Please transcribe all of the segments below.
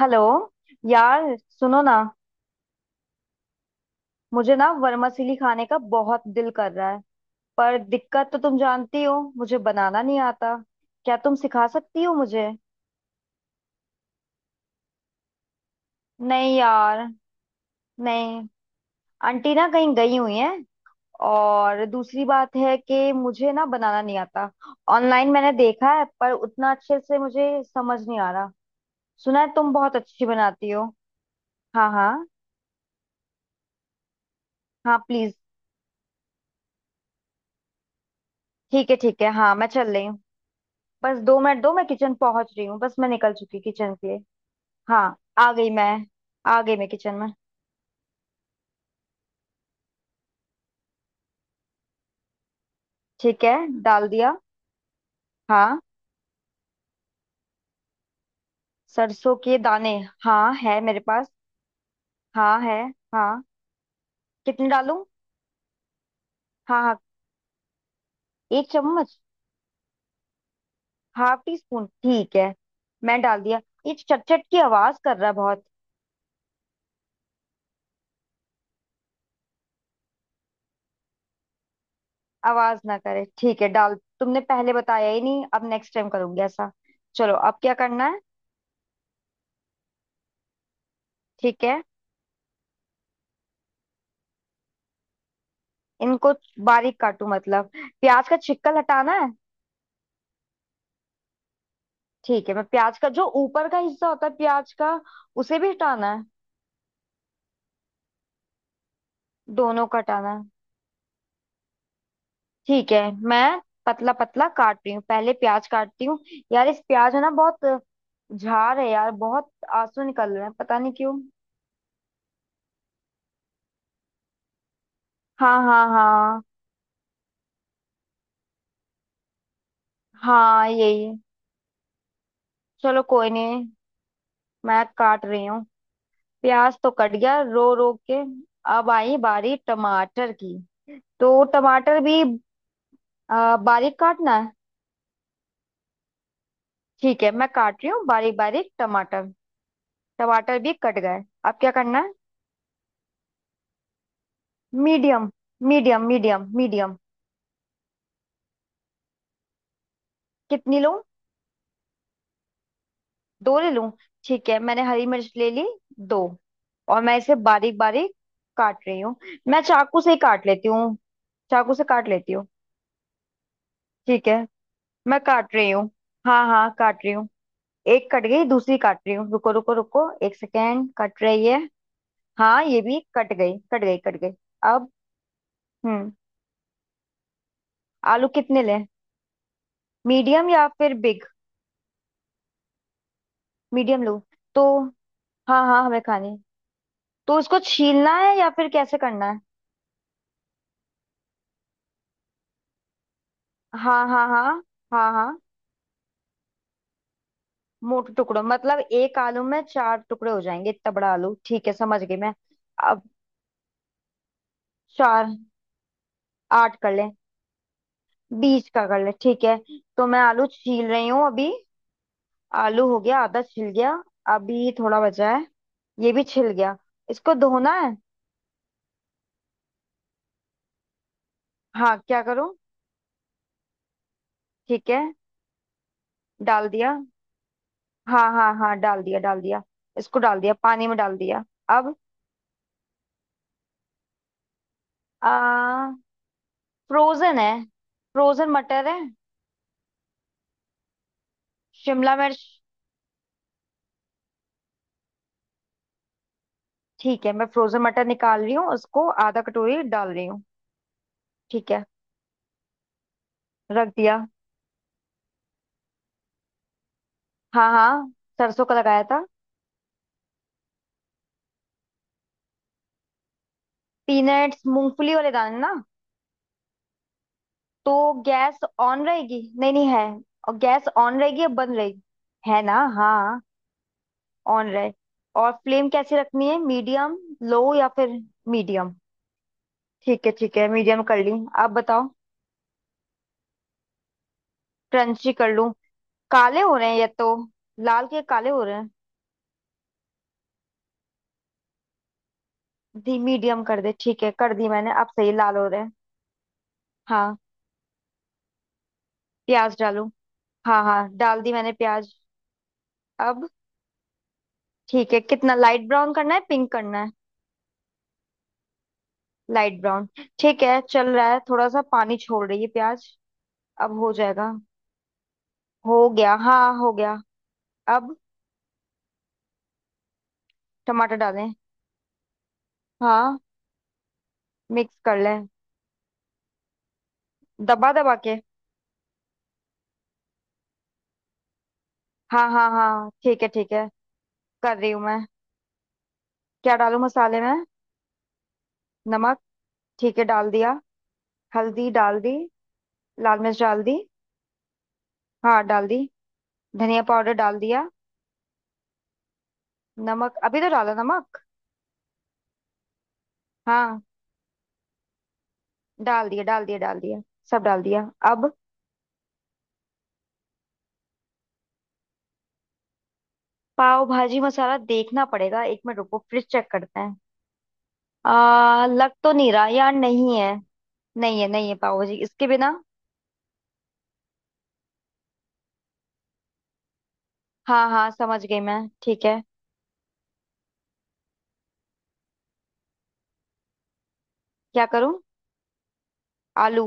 Hello. यार सुनो ना। मुझे ना वर्मासिली खाने का बहुत दिल कर रहा है। पर दिक्कत तो तुम जानती हो, मुझे बनाना नहीं आता। क्या तुम सिखा सकती हो मुझे? नहीं यार। नहीं। आंटी ना कहीं गई हुई है। और दूसरी बात है कि मुझे ना बनाना नहीं आता। ऑनलाइन मैंने देखा है पर उतना अच्छे से मुझे समझ नहीं आ रहा। सुना है तुम बहुत अच्छी बनाती हो। हाँ हाँ। हाँ प्लीज। ठीक है ठीक है, हाँ मैं चल रही हूँ। बस 2 मिनट दो, मैं किचन पहुंच रही हूँ। बस मैं निकल चुकी किचन के लिए। हाँ आ गई मैं। आ गई मैं किचन में। ठीक है, डाल दिया। हाँ, सरसों के दाने। हाँ है मेरे पास। हाँ है। हाँ कितने डालूं? हाँ हाँ 1 चम्मच। हाफ टी स्पून ठीक है। मैं डाल दिया। ये चटचट की आवाज कर रहा है बहुत। आवाज ना करे ठीक है। डाल तुमने पहले बताया ही नहीं, अब नेक्स्ट टाइम करूंगी ऐसा। चलो अब क्या करना है? ठीक है। इनको बारीक काटू मतलब? प्याज का छिकल हटाना है? ठीक है। मैं प्याज का जो ऊपर का हिस्सा होता है प्याज का, उसे भी हटाना है? दोनों का हटाना है? ठीक है। मैं पतला पतला काट रही हूँ, पहले प्याज काटती हूँ। यार इस प्याज है ना बहुत, झार है यार बहुत। आंसू निकल रहे हैं, पता नहीं क्यों। हाँ हाँ हाँ। हाँ यही। चलो कोई नहीं, मैं काट रही हूँ। प्याज तो कट गया रो रो के। अब आई बारी टमाटर की। तो टमाटर भी बारीक काटना है। ठीक है मैं काट रही हूँ बारीक बारीक टमाटर। टमाटर भी कट गए। अब क्या करना है? मीडियम। Medium medium medium. कितनी लूं? दो ले लूं? ठीक है मैंने हरी मिर्च ले ली, दो। और मैं इसे बारीक बारीक काट रही हूँ। मैं चाकू से ही काट लेती हूँ। चाकू से काट लेती हूँ। ठीक है मैं काट रही हूँ। हाँ हाँ काट रही हूँ। एक कट गई, दूसरी काट रही हूँ। रुको रुको रुको, एक सेकेंड, कट रही है। हाँ ये भी कट गई, कट गई, कट गई। अब। हम्म। आलू कितने लें? मीडियम या फिर बिग? मीडियम लूं? तो हाँ हाँ हमें खानी। तो उसको छीलना है या फिर कैसे करना है? हाँ हाँ हाँ। हाँ हाँ। मोटे टुकड़ों मतलब एक आलू में चार टुकड़े हो जाएंगे? इतना बड़ा आलू? ठीक है समझ गई मैं। अब चार, आठ कर ले? बीच का कर ले ठीक है। तो मैं आलू छील रही हूँ अभी। आलू हो गया, आधा छिल गया। अभी थोड़ा बचा है। ये भी छिल गया। इसको धोना है? हाँ क्या करूँ? ठीक है डाल दिया। हाँ हाँ हाँ डाल दिया डाल दिया। इसको डाल दिया, पानी में डाल दिया। अब आ फ्रोजन है। फ्रोजन मटर है। शिमला मिर्च। ठीक है मैं फ्रोजन मटर निकाल रही हूँ, उसको आधा कटोरी डाल रही हूँ। ठीक है रख दिया। हाँ हाँ, सरसों का लगाया था। पीनट्स मूंगफली वाले दाने ना? तो गैस ऑन रहेगी? नहीं नहीं है। और गैस ऑन रहेगी या बंद रहेगी? है ना हाँ। ऑन रहे। और फ्लेम कैसी रखनी है? मीडियम लो या फिर? मीडियम। ठीक है मीडियम कर ली। आप बताओ। क्रंची कर लूं? काले हो रहे हैं ये तो। लाल के काले हो रहे हैं। दी मीडियम कर दे, ठीक है कर दी मैंने, अब सही लाल हो रहे हैं। हाँ प्याज डालूं? हाँ हाँ डाल दी मैंने प्याज। अब ठीक है। कितना लाइट ब्राउन करना है, पिंक करना है? लाइट ब्राउन ठीक है। चल रहा है, थोड़ा सा पानी छोड़ रही है प्याज। अब हो जाएगा। हो गया हाँ हो गया। अब टमाटर डालें? हाँ मिक्स कर लें। दबा दबा के? हाँ हाँ हाँ, ठीक है ठीक है। कर रही हूँ मैं। क्या डालूं मसाले में? नमक? ठीक है डाल दिया। हल्दी डाल दी। लाल मिर्च डाल दी। हाँ डाल दी, धनिया पाउडर डाल दिया। नमक अभी तो डाला नमक। हाँ डाल दिया, डाल दिया, डाल दिया। सब डाल दिया। अब पाव भाजी मसाला देखना पड़ेगा, 1 मिनट रुको, फ्रिज चेक करते हैं। आ लग तो नहीं रहा यार, नहीं है। नहीं है नहीं है, पाव भाजी इसके बिना। हाँ हाँ समझ गई मैं। ठीक है। क्या करूँ? आलू।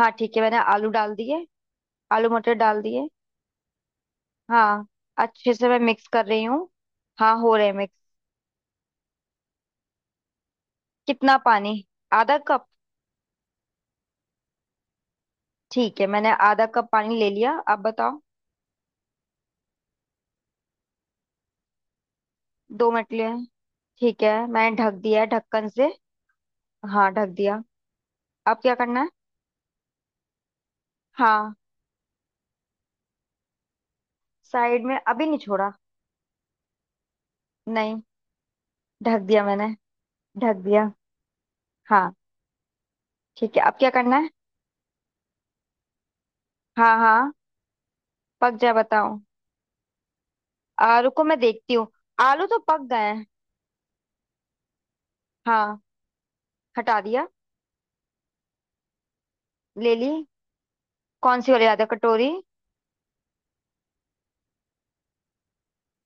हाँ ठीक है मैंने आलू डाल दिए। आलू मटर डाल दिए। हाँ अच्छे से मैं मिक्स कर रही हूँ। हाँ हो रहे मिक्स। कितना पानी? आधा कप? ठीक है मैंने आधा कप पानी ले लिया, अब बताओ। दो मटलियाँ। ठीक है मैंने ढक दिया है ढक्कन से। हाँ ढक दिया। अब क्या करना है? हाँ, साइड में अभी नहीं छोड़ा। नहीं, ढक दिया मैंने। ढक दिया। हाँ ठीक है। अब क्या करना है? हाँ हाँ। पक जाए बताओ। आलू को मैं देखती हूँ। आलू तो पक गए हैं। हाँ, हटा दिया। ले ली। कौन सी वाली, आधा कटोरी?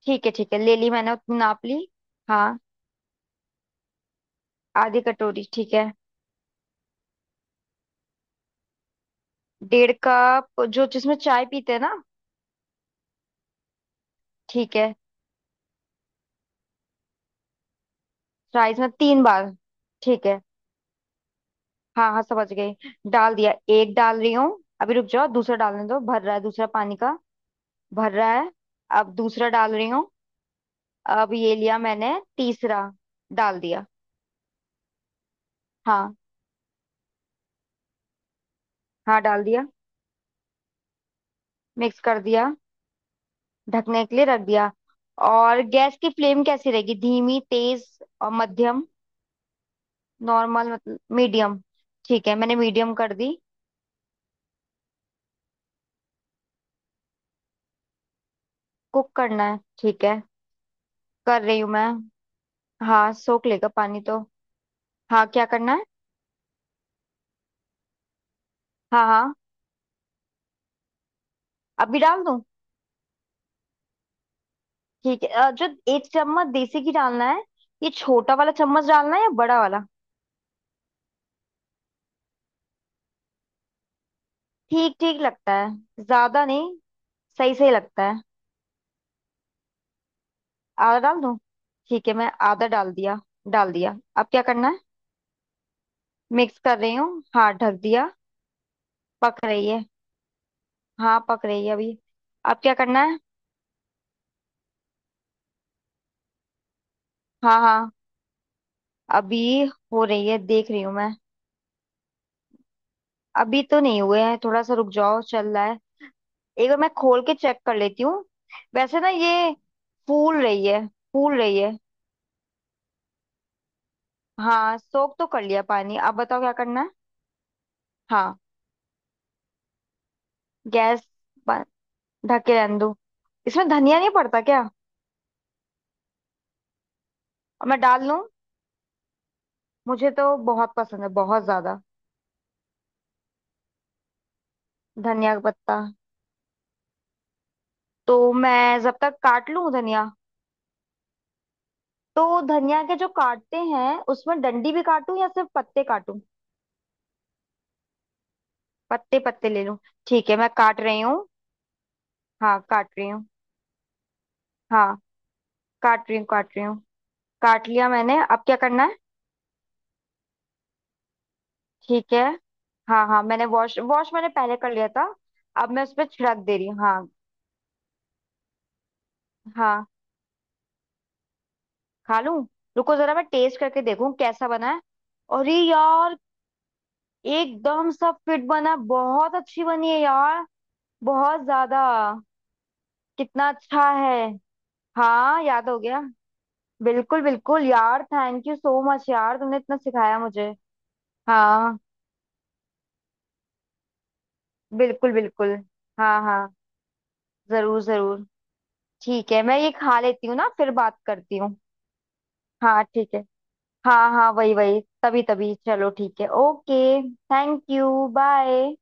ठीक है ले ली मैंने, उतनी नाप ली। हाँ आधी कटोरी ठीक है। डेढ़ कप, जो जिसमें चाय पीते हैं ना? ठीक है, राइस में 3 बार? ठीक है हाँ हाँ समझ गई। डाल दिया, एक डाल रही हूँ। अभी रुक जाओ, दूसरा डालने दो, भर रहा है दूसरा पानी का। भर रहा है। अब दूसरा डाल रही हूँ। अब ये लिया मैंने तीसरा। डाल दिया। हाँ हाँ डाल दिया। मिक्स कर दिया। ढकने के लिए रख दिया। और गैस की फ्लेम कैसी रहेगी, धीमी, तेज? और मध्यम? नॉर्मल मतलब मीडियम? ठीक है मैंने मीडियम कर दी। कुक करना है, ठीक है कर रही हूँ मैं। हाँ सोख लेगा पानी तो। हाँ क्या करना है? हाँ हाँ। अभी डाल दूँ? ठीक है जो 1 चम्मच देसी घी डालना है? ये छोटा वाला चम्मच डालना है या बड़ा वाला? ठीक ठीक लगता है, ज्यादा नहीं। सही सही लगता है। आधा डाल दूं? ठीक है मैं आधा डाल दिया। डाल दिया, अब क्या करना है? मिक्स कर रही हूँ। हाँ ढक दिया। पक रही है। हाँ पक रही है अभी। अब क्या करना है? हाँ हाँ। अभी हो रही है, देख रही हूँ मैं। अभी तो नहीं हुए हैं, थोड़ा सा रुक जाओ, चल रहा है। एक बार मैं खोल के चेक कर लेती हूँ। वैसे ना ये फूल रही है, फूल रही है। हाँ सोख तो कर लिया पानी, अब बताओ क्या करना है। हाँ। गैस ब- ढक के रहने दो। इसमें धनिया नहीं पड़ता क्या? और मैं डाल लूं? मुझे तो बहुत पसंद है, बहुत ज्यादा। धनिया का पत्ता? तो मैं जब तक काट लूं धनिया। तो धनिया के जो काटते हैं उसमें डंडी भी काटूं या सिर्फ पत्ते काटूं? पत्ते पत्ते ले लूं? ठीक है मैं काट रही हूँ। हाँ काट रही हूँ। हाँ काट रही हूँ, काट रही हूँ। काट लिया मैंने, अब क्या करना है? ठीक है। हाँ हाँ मैंने वॉश, वॉश मैंने पहले कर लिया था। अब मैं उस पर छिड़क दे रही हूँ हाँ। हाँ खा लूँ? रुको जरा मैं टेस्ट करके देखूँ कैसा बना है। अरे यार, एकदम सब फिट बना है, बहुत अच्छी बनी है यार। बहुत ज्यादा। कितना अच्छा है। हाँ याद हो गया। बिल्कुल बिल्कुल यार, थैंक यू सो मच यार, तुमने इतना सिखाया मुझे। हाँ, बिल्कुल बिल्कुल। हाँ हाँ। जरूर जरूर। ठीक है मैं ये खा लेती हूँ ना, फिर बात करती हूँ। हाँ ठीक है। हाँ हाँ वही वही तभी तभी, चलो ठीक है ओके। Thank you bye.